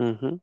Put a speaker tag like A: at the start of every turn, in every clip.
A: Hı hı.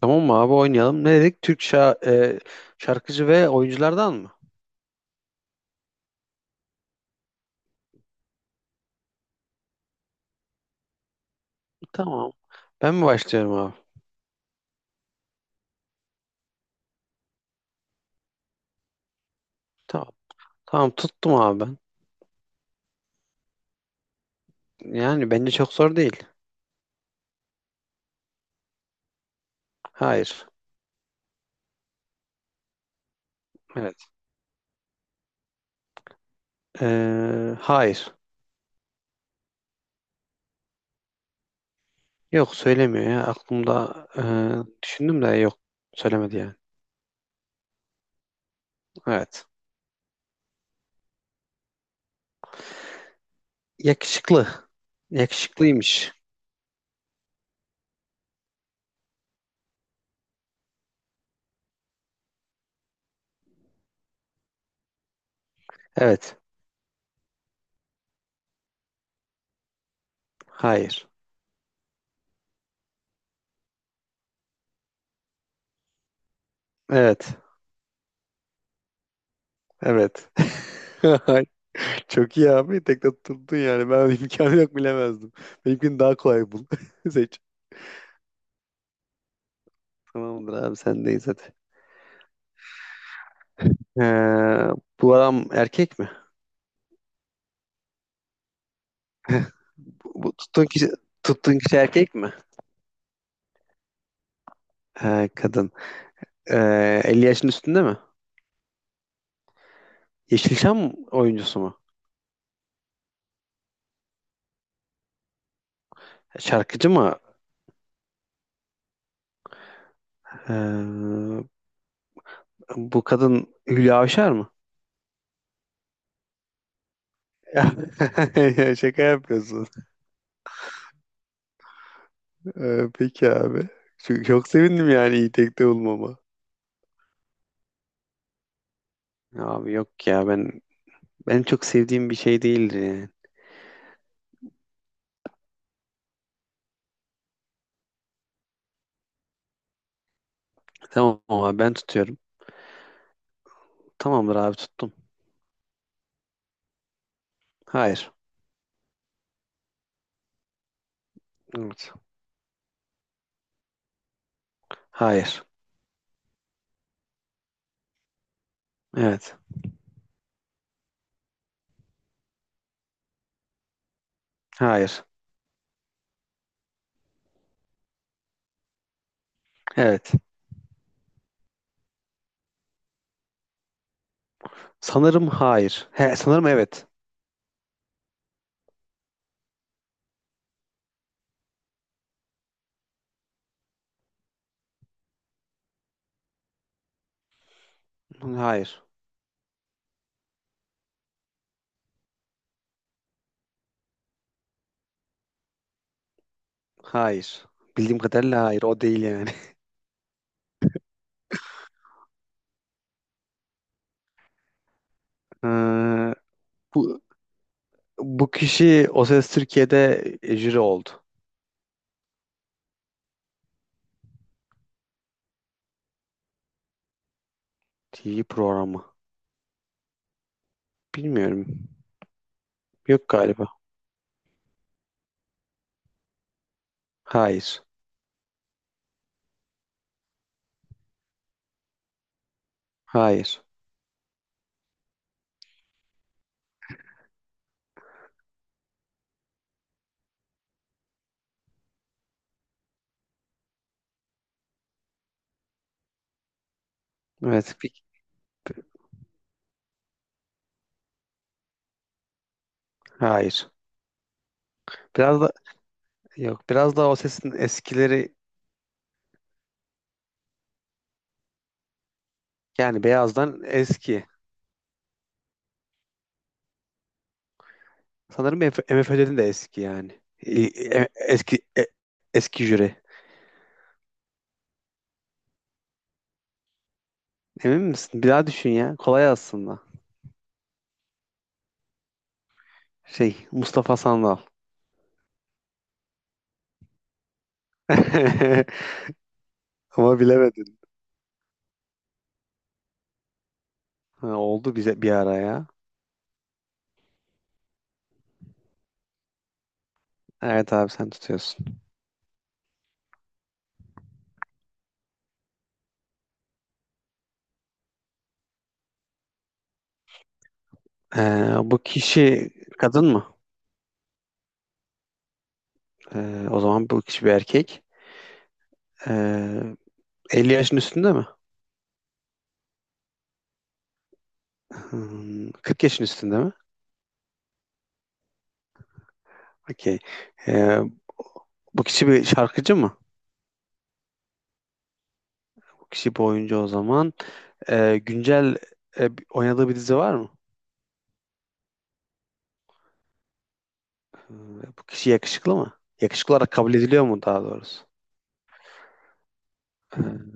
A: Tamam mı abi, oynayalım. Ne dedik? E, Şarkıcı ve oyunculardan mı? Tamam. Ben mi başlıyorum abi? Tamam. Tamam, tuttum abi ben. Yani bence çok zor değil. Hayır. Evet. Hayır. Yok söylemiyor ya. Düşündüm de yok. Söylemedi yani. Evet. Yakışıklı. Yakışıklıymış. Evet. Hayır. Evet. Evet. Ay, çok iyi abi. Tekte tuttun yani. Ben imkanı yok, bilemezdim. Benimkini daha kolay bul. Seç. Tamamdır abi, sendeyiz hadi. Ee, Bu adam erkek mi? Bu tuttuğun kişi, tuttuğun kişi erkek mi? Kadın. 50 yaşın üstünde mi? Yeşilçam oyuncusu mu? Şarkıcı mı? Ee, Bu kadın Hülya Avşar mı? Ya, ya şaka yapıyorsun. Peki abi. Çok sevindim yani, iyi tekte bulmama. Abi yok ya, benim çok sevdiğim bir şey değildi yani. Tamam abi, ben tutuyorum. Tamamdır abi, tuttum. Hayır. Evet. Hayır. Evet. Hayır. Evet. Sanırım hayır. He, sanırım evet. Hayır. Hayır. Bildiğim kadarıyla hayır. O değil yani. Ee, bu bu kişi O Ses Türkiye'de jüri oldu. TV programı. Bilmiyorum. Yok galiba. Hayır. Hayır. Evet. Hayır. Biraz da... Yok, biraz da O Ses'in eskileri. Yani Beyaz'dan eski. Sanırım MFÖ'den de eski yani. Eski eski jüri. Emin misin? Bir daha düşün ya. Kolay aslında. Şey, Mustafa Sandal. Ama bilemedin. Ha, oldu bize bir ara ya. Evet abi, sen tutuyorsun. Ee, Bu kişi kadın mı? O zaman bu kişi bir erkek. Ee, 50 yaşın üstünde mi? Hmm, 40 yaşın üstünde mi? Okey. Ee, Bu kişi bir şarkıcı mı? Bu kişi bir oyuncu o zaman. Ee, güncel Oynadığı bir dizi var mı? Ee, Bu kişi yakışıklı mı? Yakışıklı olarak kabul ediliyor mu, daha doğrusu? Ee,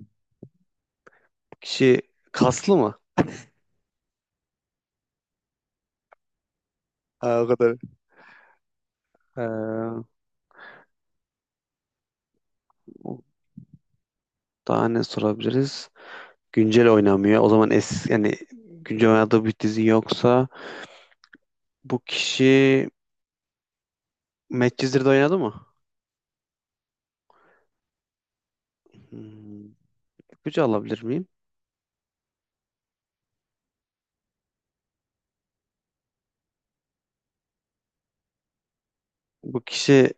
A: Bu kişi kaslı mı? Ha, o kadar. Ee, Daha ne sorabiliriz? Güncel oynamıyor. O zaman es yani, güncel oynadığı bir dizi yoksa, bu kişi Medcezir'de oynadı mı? Hmm, ipucu alabilir miyim? Bu kişi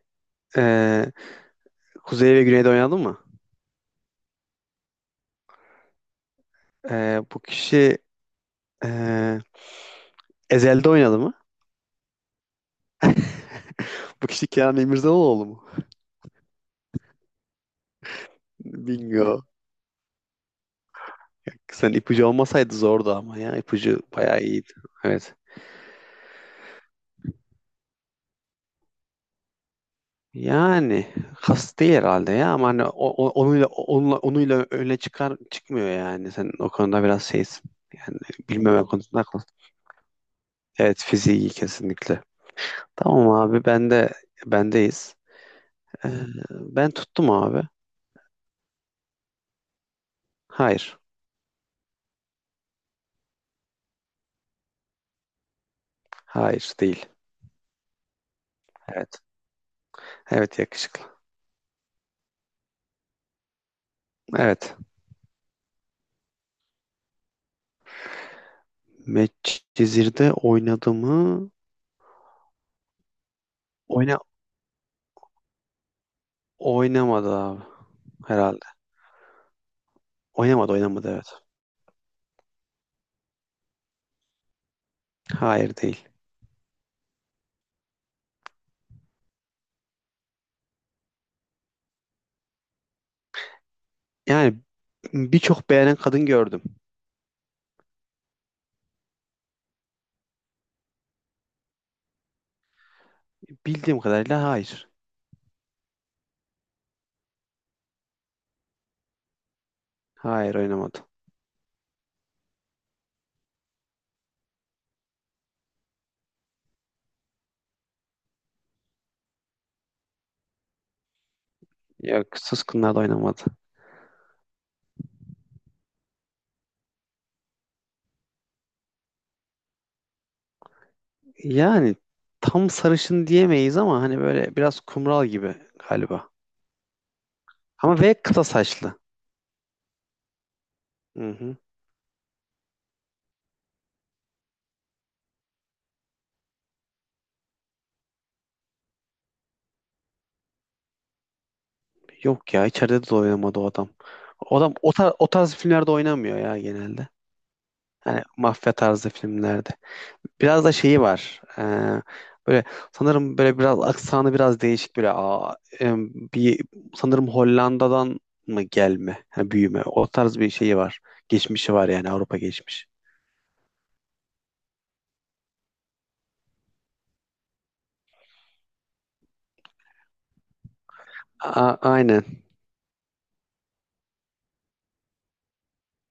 A: e, Kuzey ve Güney'de oynadı mı? Bu kişi e, Ezel'de oynadı mı? Bu kişi Kenan İmirzalıoğlu mu? Bingo. Sen, ipucu olmasaydı zordu ama ya. İpucu bayağı iyiydi. Evet. Yani kast değil herhalde ya, ama hani o- o- onuyla onunla onuyla öne çıkar çıkmıyor yani. Sen o konuda biraz şeysin. Yani bilmeme konusunda haklısın. Evet, fiziği kesinlikle. Tamam abi, bendeyiz. Ee, Ben tuttum abi. Hayır. Hayır değil. Evet. Evet, yakışıklı. Evet. Medcezir'de oynadı mı? Oyna Oynamadı abi herhalde. Oynamadı, oynamadı, evet. Hayır, değil. Yani birçok beğenen kadın gördüm. Bildiğim kadarıyla hayır. Hayır, oynamadı. Yok, Suskunlar da oynamadı. Yani tam sarışın diyemeyiz, ama hani böyle biraz kumral gibi galiba. Ama ve kısa saçlı. Hı hı. Yok ya, içeride de oynamadı o adam. O adam o tarz filmlerde oynamıyor ya genelde. Hani mafya tarzı filmlerde. Biraz da şeyi var. Böyle sanırım, böyle biraz aksanı biraz değişik, böyle bir sanırım Hollanda'dan mı gelme, yani büyüme. O tarz bir şeyi var. Geçmişi var yani, Avrupa geçmiş. Aynen.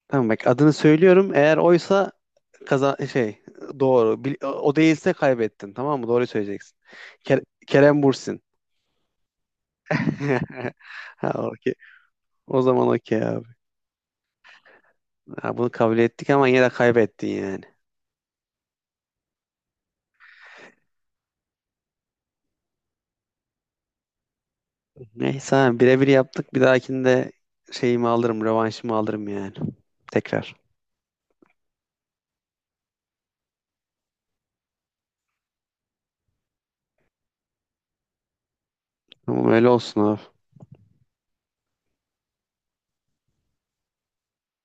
A: Tamam, bak adını söylüyorum. Eğer oysa, kaza şey, doğru. O değilse kaybettin. Tamam mı? Doğru söyleyeceksin. Kerem Bürsin. Ha, okey. O zaman okey abi. Ha, bunu kabul ettik ama yine de kaybettin yani. Neyse abi, birebir yaptık. Bir dahakinde şeyimi alırım, rövanşımı alırım yani. Tekrar. Ama öyle olsun abi.